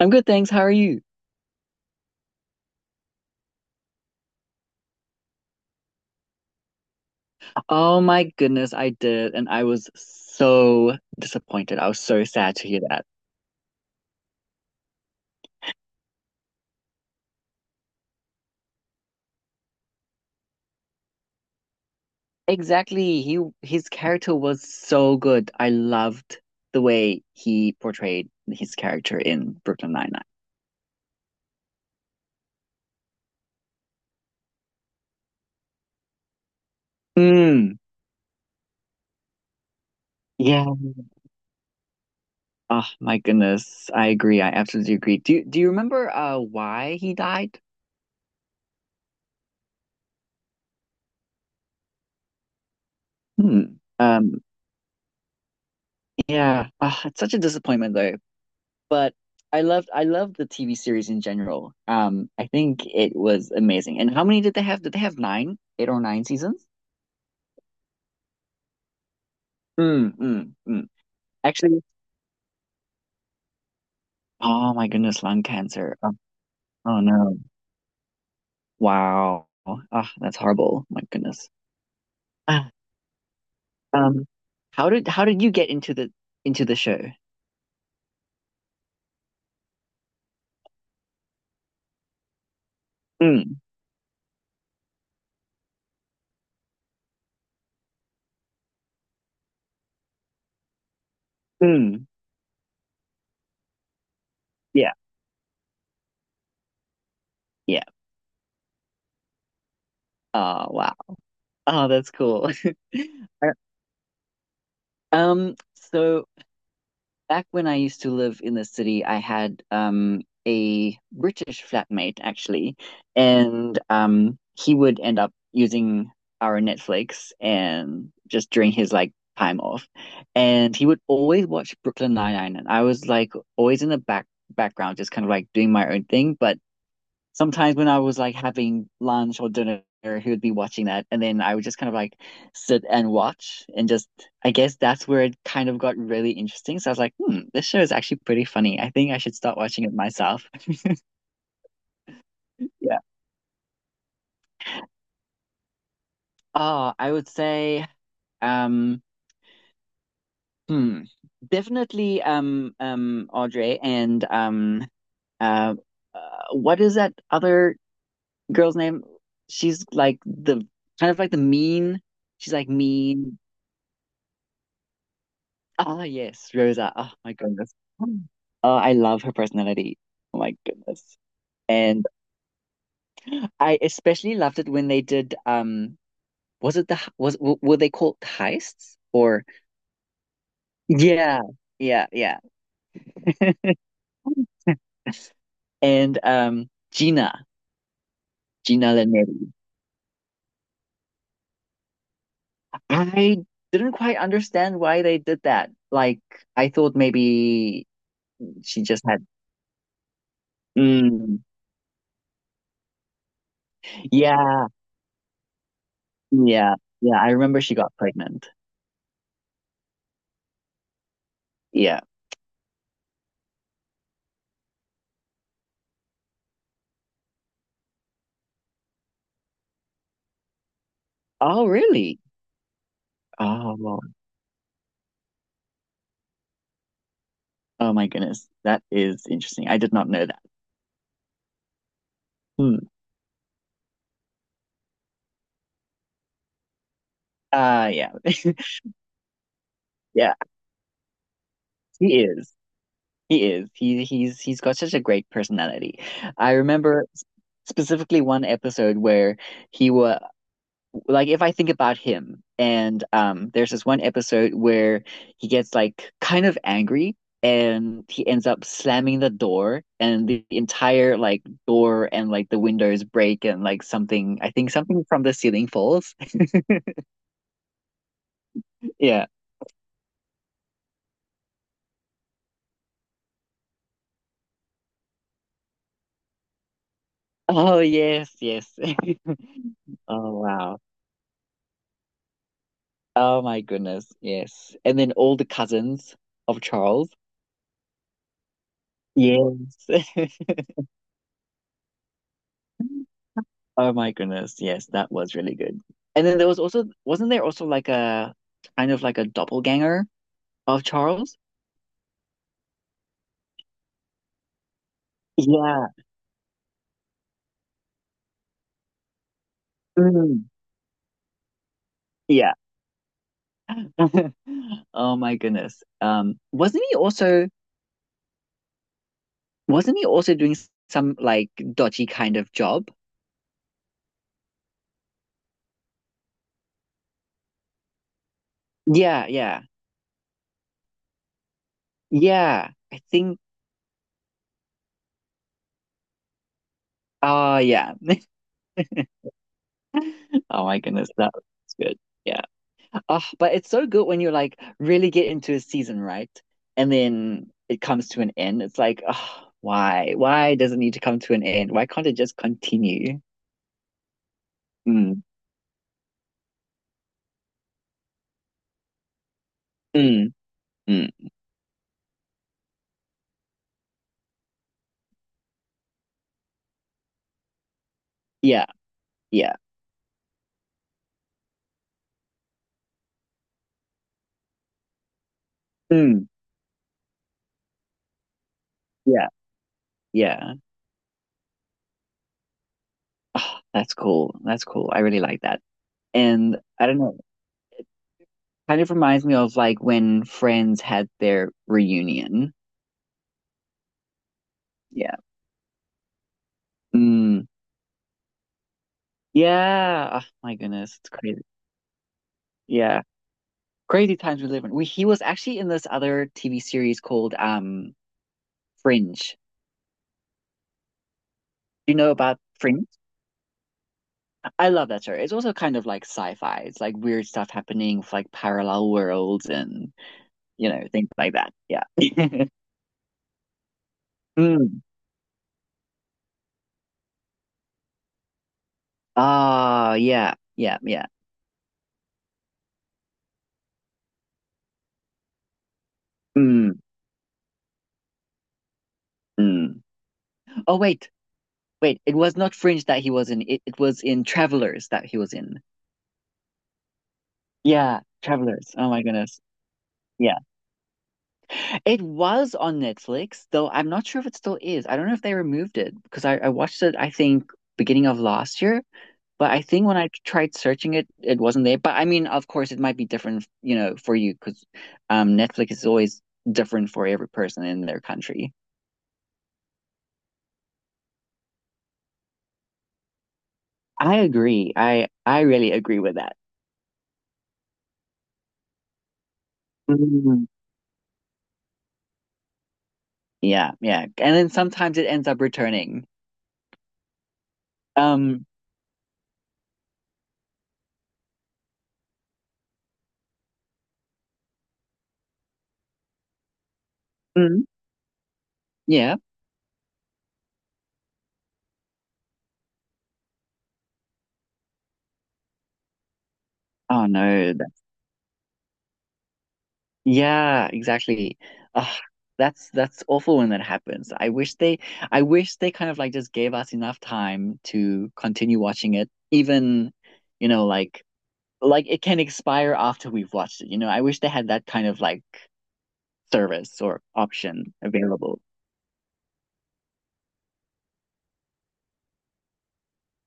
I'm good, thanks. How are you? Oh my goodness, I did, and I was so disappointed. I was so sad to hear that. Exactly. He his character was so good. I loved the way he portrayed his character in Brooklyn Nine-Nine. Mm, yeah. Oh my goodness. I agree. I absolutely agree. Do you remember why he died? Hmm. Um, yeah. Ah, it's such a disappointment though. But I loved the TV series in general. I think it was amazing. And how many did they have? Did they have eight or nine seasons? Mm. Actually, oh my goodness, lung cancer. Oh, oh no. Wow. Ah, that's horrible. My goodness. Ah, um, how did you get into the show? Mm, mm, yeah, yeah. Oh wow. Oh, that's cool. Uh, so back when I used to live in the city, I had a British flatmate actually, and he would end up using our Netflix and just during his like time off, and he would always watch Brooklyn Nine-Nine, and I was like always in the back background, just kind of like doing my own thing, but sometimes when I was like having lunch or dinner, he would be watching that, and then I would just kind of like sit and watch, and just I guess that's where it kind of got really interesting. So I was like, hmm, this show is actually pretty funny. I think I should start watching it myself. Yeah. Oh, I would say, um, hmm, definitely, Audrey and uh, what is that other girl's name? She's like the kind of like the mean. She's like mean. Ah, yes, Rosa. Oh my goodness. Oh, I love her personality. Oh my goodness. And I especially loved it when they did was it the were they called heists or yeah, yeah, yeah. And Gina, Gina Linetti. I didn't quite understand why they did that. Like I thought maybe she just had mm, yeah, yeah, yeah. I remember she got pregnant. Yeah. Oh, really? Oh, well, oh my goodness. That is interesting. I did not know that. Hmm. Yeah. Yeah, he is. He is. He's got such a great personality. I remember specifically one episode where he was like if I think about him, and there's this one episode where he gets like kind of angry and he ends up slamming the door and the entire like door and like the windows break and like something I think something from the ceiling falls. Yeah. Oh yes, yes. Oh wow. Oh my goodness. Yes. And then all the cousins of Charles. Yes. Oh my goodness, yes, that was really good. And then there was also, wasn't there also like a kind of like a doppelganger of Charles? Yeah. Mm, yeah. Oh my goodness. Wasn't he also doing some like dodgy kind of job? Yeah, yeah. Yeah. I think yeah. Oh my goodness, that was good. Yeah. Oh, but it's so good when you like really get into a season, right? And then it comes to an end. It's like, oh, why? Why does it need to come to an end? Why can't it just continue? Mm, mm, mm. Yeah, yeah. Mm, yeah, yeah. Oh, that's cool. That's cool. I really like that. And I don't know, kind of reminds me of like when Friends had their reunion. Yeah. Mm, yeah. Oh my goodness, it's crazy. Yeah. Crazy times we live in. We, he was actually in this other TV series called Fringe. Do you know about Fringe? I love that show. It's also kind of like sci-fi. It's like weird stuff happening with like parallel worlds and you know things like that. Yeah. Mm. Ah, yeah, yeah, yeah. Mm, mm. Oh wait. It was not Fringe that he was in. It was in Travelers that he was in. Yeah, Travelers. Oh my goodness. Yeah. It was on Netflix, though I'm not sure if it still is. I don't know if they removed it because I watched it, I think, beginning of last year. But I think when I tried searching it, it wasn't there. But I mean, of course, it might be different, you know, for you because Netflix is always different for every person in their country. I agree. I really agree with that. Mhm. Yeah, yeah. And then sometimes it ends up returning. Um, mhm, yeah. Oh no, yeah, exactly. Ugh, that's awful when that happens. I wish they kind of like just gave us enough time to continue watching it, even, you know, like it can expire after we've watched it. You know, I wish they had that kind of like service or option available.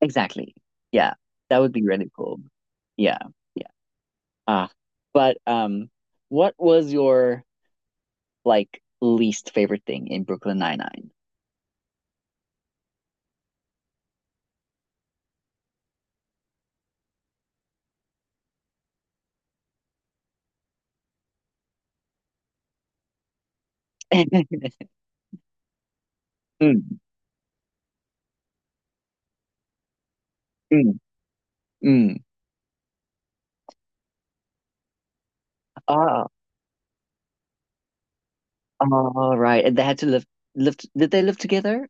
Exactly. Yeah. That would be really cool. Yeah. Yeah. Ah. But what was your like least favorite thing in Brooklyn Nine-Nine? Mm, mm. Mm. Oh, all right. And they had to live. Did they live together?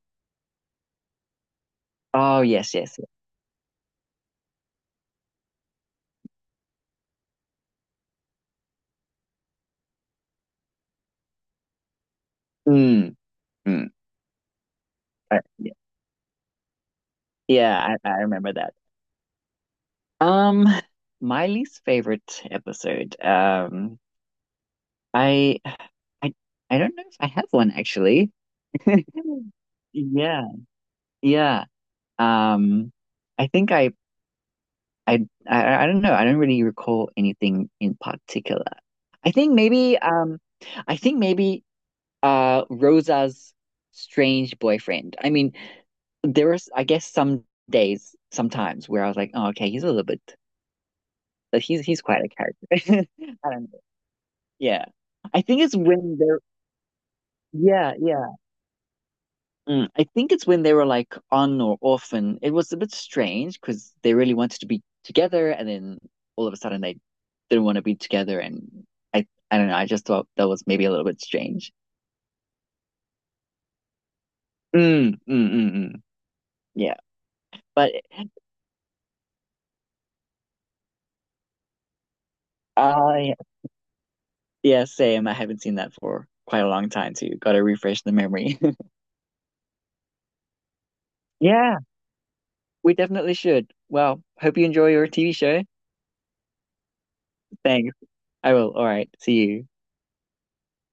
Oh, yes, yes, yes. Mm. Mm. I, yeah, I remember that. Um, my least favorite episode. I, I, I don't know if I have one actually. Yeah, yeah. Um, I think I don't know. I don't really recall anything in particular. I think I think maybe Rosa's strange boyfriend. I mean, there was I guess some days, sometimes where I was like, oh, okay, he's a little bit, but he's quite a character. I don't know. Yeah, I think it's when they're yeah, yeah. Mm. I think it's when they were like on or off, and it was a bit strange because they really wanted to be together, and then all of a sudden they didn't want to be together, and I don't know. I just thought that was maybe a little bit strange. Mm, mm, mm, mm. Yeah, but yeah. Yeah, same. I haven't seen that for quite a long time too. Got to refresh the memory. Yeah, we definitely should. Well, hope you enjoy your TV show. Thanks. I will. All right. See you.